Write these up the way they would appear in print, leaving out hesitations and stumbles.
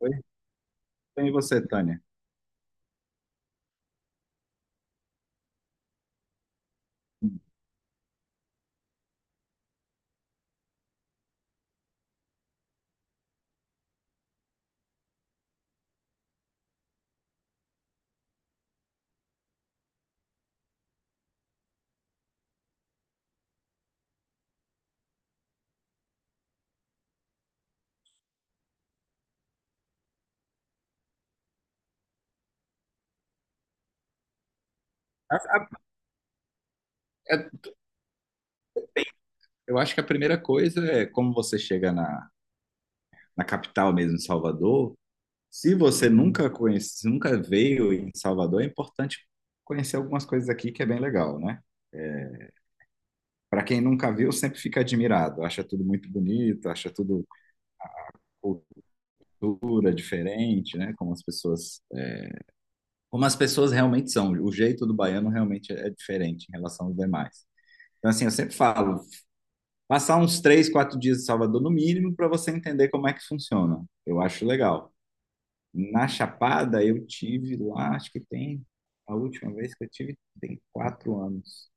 Oi, bem você, Tânia? É, eu acho que a primeira coisa é como você chega na capital mesmo, em Salvador. Se você nunca conhece, se nunca veio em Salvador, é importante conhecer algumas coisas aqui que é bem legal, né? Para quem nunca viu, sempre fica admirado, acha tudo muito bonito, acha tudo cultura diferente, né? Como as pessoas realmente são. O jeito do baiano realmente é diferente em relação aos demais. Então, assim, eu sempre falo, passar uns 3, 4 dias em Salvador, no mínimo, para você entender como é que funciona. Eu acho legal. Na Chapada, eu tive lá, acho que tem. A última vez que eu tive tem 4 anos.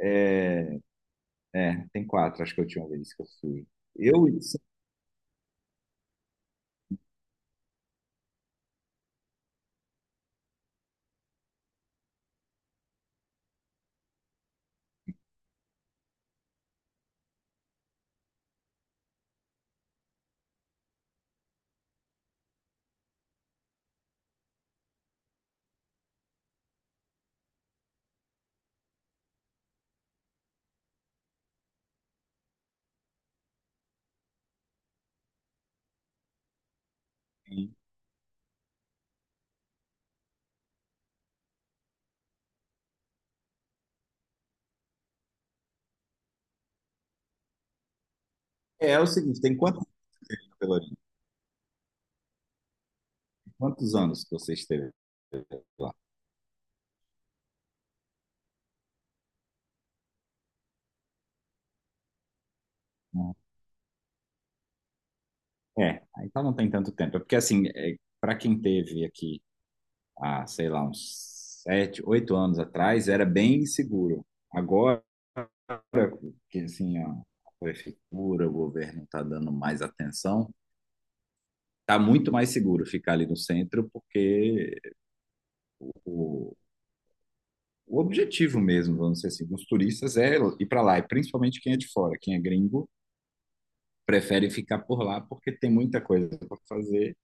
É, tem quatro, acho que a última vez que eu fui. Eu, assim, é, o seguinte, tem quantos anos, Pelourinho? Quantos anos que você esteve lá? É, então não tem tanto tempo. É porque, assim, é, para quem teve aqui há, sei lá, uns 7, 8 anos atrás, era bem seguro. Agora que assim, a prefeitura, o governo está dando mais atenção, está muito mais seguro ficar ali no centro, porque o, o objetivo mesmo, vamos dizer assim, dos turistas é ir para lá, e principalmente quem é de fora, quem é gringo, prefere ficar por lá porque tem muita coisa para fazer,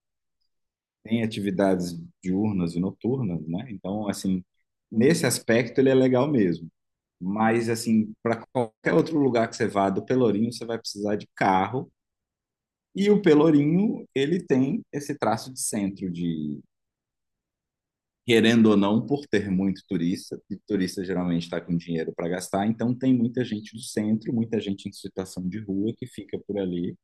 tem atividades diurnas e noturnas, né? Então, assim, nesse aspecto ele é legal mesmo. Mas, assim, para qualquer outro lugar que você vá do Pelourinho, você vai precisar de carro. E o Pelourinho, ele tem esse traço de centro, de, querendo ou não, por ter muito turista, e turista geralmente está com dinheiro para gastar, então tem muita gente do centro, muita gente em situação de rua que fica por ali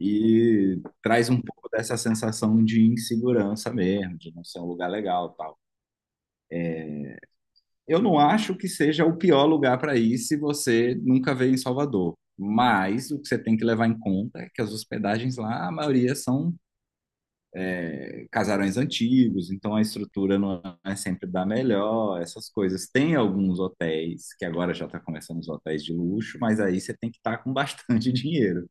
e traz um pouco dessa sensação de insegurança mesmo, de não ser um lugar legal, e tal. Eu não acho que seja o pior lugar para ir se você nunca veio em Salvador. Mas o que você tem que levar em conta é que as hospedagens lá, a maioria são casarões antigos, então a estrutura não é sempre da melhor, essas coisas. Tem alguns hotéis, que agora já está começando os hotéis de luxo, mas aí você tem que estar com bastante dinheiro.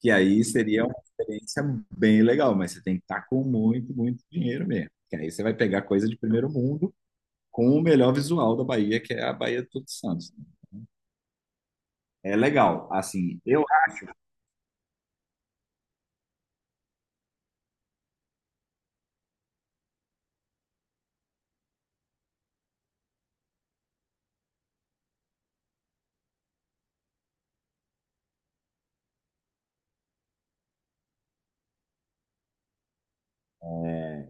Que aí seria uma experiência bem legal, mas você tem que estar com muito, muito dinheiro mesmo. Que aí você vai pegar coisa de primeiro mundo com o melhor visual da Bahia, que é a Bahia de Todos Santos. É legal, assim, eu, é,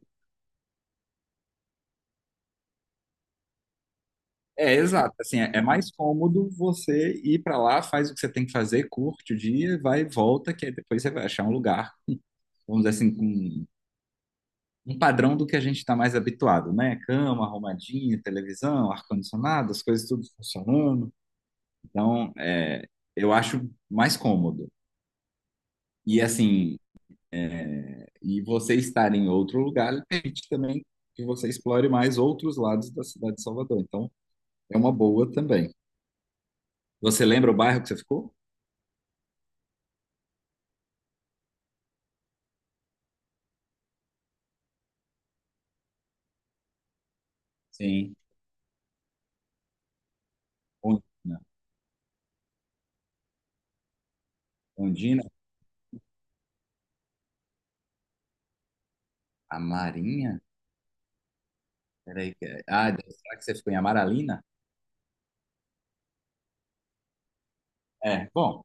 é, exato. Assim, é mais cômodo você ir para lá, faz o que você tem que fazer, curte o dia, vai e volta, que aí depois você vai achar um lugar, vamos dizer assim, com um padrão do que a gente está mais habituado, né? Cama arrumadinha, televisão, ar-condicionado, as coisas tudo funcionando. Então, é, eu acho mais cômodo. E assim, é, e você estar em outro lugar permite também que você explore mais outros lados da cidade de Salvador. Então, é uma boa também. Você lembra o bairro que você ficou? Sim. Ondina. Ondina? A Marinha? Peraí. Ah, será que você ficou em Amaralina? É, bom.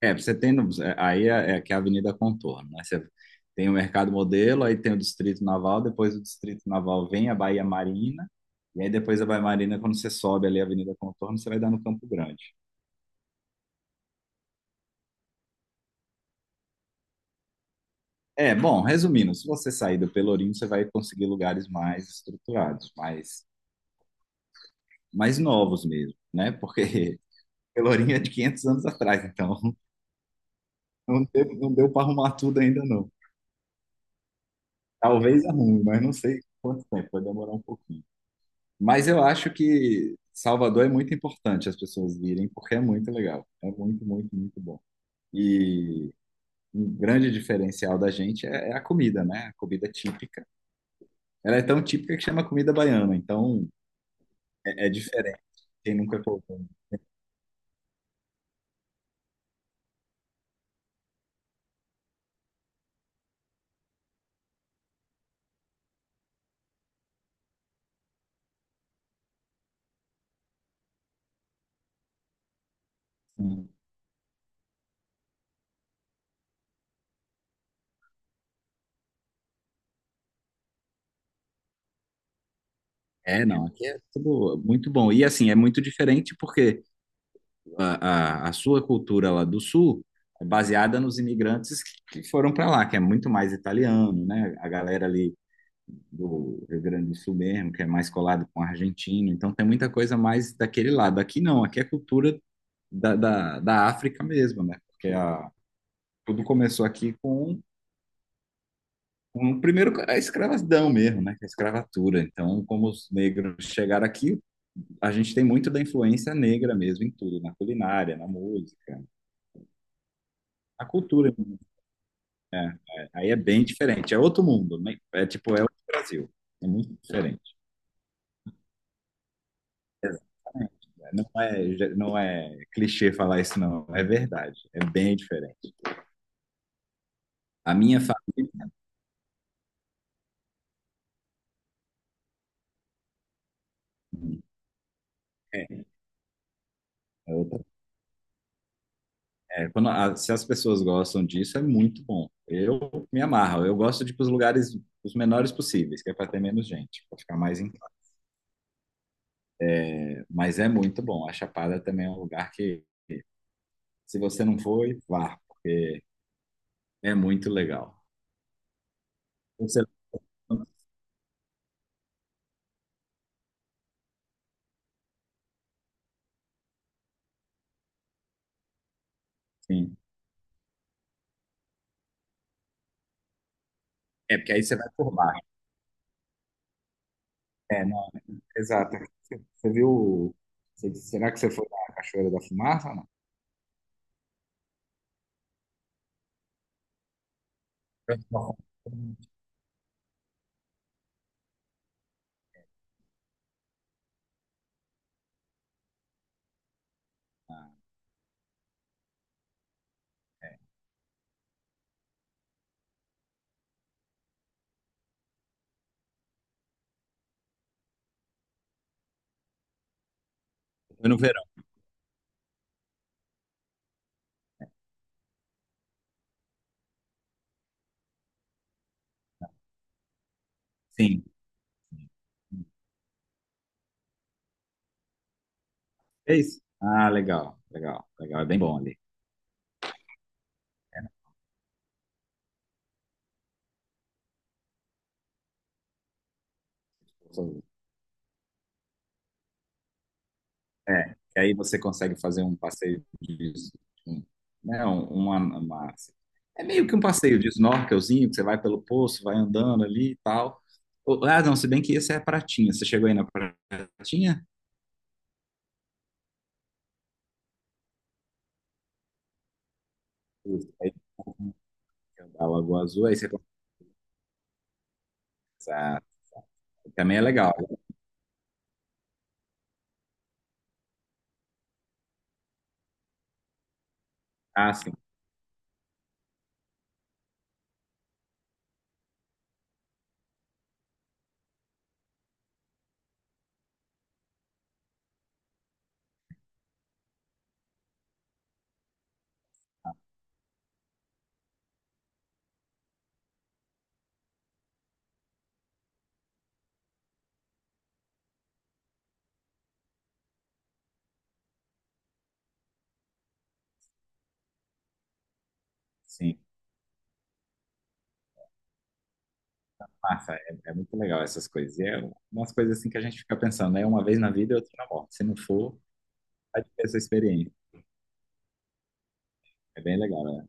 É, você tem. É, aí é, que é a Avenida Contorno, né? Você tem o Mercado Modelo, aí tem o Distrito Naval, depois o Distrito Naval vem a Baía Marina, e aí depois a Baía Marina, quando você sobe ali a Avenida Contorno, você vai dar no Campo Grande. É, bom, resumindo, se você sair do Pelourinho, você vai conseguir lugares mais estruturados, mais, mais novos mesmo, né? Porque Pelourinho é de 500 anos atrás, então. Não teve, não deu para arrumar tudo ainda, não. Talvez arrume, mas não sei quanto tempo, vai demorar um pouquinho. Mas eu acho que Salvador é muito importante as pessoas virem, porque é muito legal. É muito, muito, muito bom. E um grande diferencial da gente é a comida, né? A comida típica. Ela é tão típica que chama comida baiana, então é diferente. Quem nunca provou. Hum. É, não, aqui é tudo muito bom. E assim, é muito diferente porque a sua cultura lá do Sul é baseada nos imigrantes que foram para lá, que é muito mais italiano, né? A galera ali do Rio Grande do Sul mesmo, que é mais colado com argentino, então tem muita coisa mais daquele lado. Aqui não, aqui é cultura da África mesmo, né? Porque a, tudo começou aqui com um primeiro a escravidão mesmo, né? Que é a escravatura. Então, como os negros chegaram aqui, a gente tem muito da influência negra mesmo em tudo, na culinária, na música, na cultura. É, Aí é bem diferente, é outro mundo, né? É tipo, é outro Brasil, é muito diferente. É, não é clichê falar isso, não, é verdade, é bem diferente. A minha família é, é outra. É, quando se as pessoas gostam disso, é muito bom. Eu me amarro, eu gosto de ir para os lugares os menores possíveis, que é para ter menos gente, para ficar mais em casa. Mas é muito bom, a Chapada também é um lugar que, se você não foi, vá, porque é muito legal. Você, sim. É, porque aí você vai por, é, não, exato. Você, você viu. Será que você foi na Cachoeira da Fumaça ou não? Não. Ah, foi no verão, sim. É isso? Ah, legal, legal, legal. É bem bom ali. É, que aí você consegue fazer um passeio de, um- né, é meio que um passeio de snorkelzinho, que você vai pelo poço, vai andando ali e tal. Ah, não, se bem que esse é a Pratinha. Você chegou aí na Pratinha? Isso, aí, a Lagoa Azul, aí você... Ah, também é legal. Ah, sim. Sim, massa, é, é muito legal essas coisas. E é umas coisas assim que a gente fica pensando, né? Uma vez na vida e outra na morte. Se não for, vai ter essa experiência. É bem legal, né?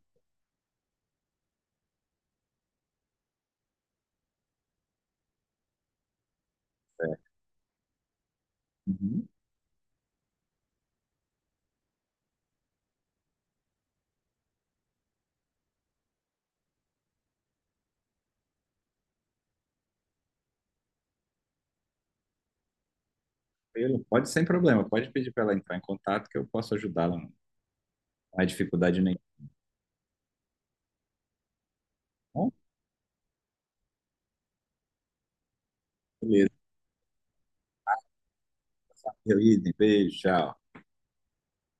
É. Uhum. Tranquilo. Pode sem problema, pode pedir para ela entrar em contato que eu posso ajudá-la. Não é dificuldade nenhuma. Beleza. Beleza, beijo, tchau.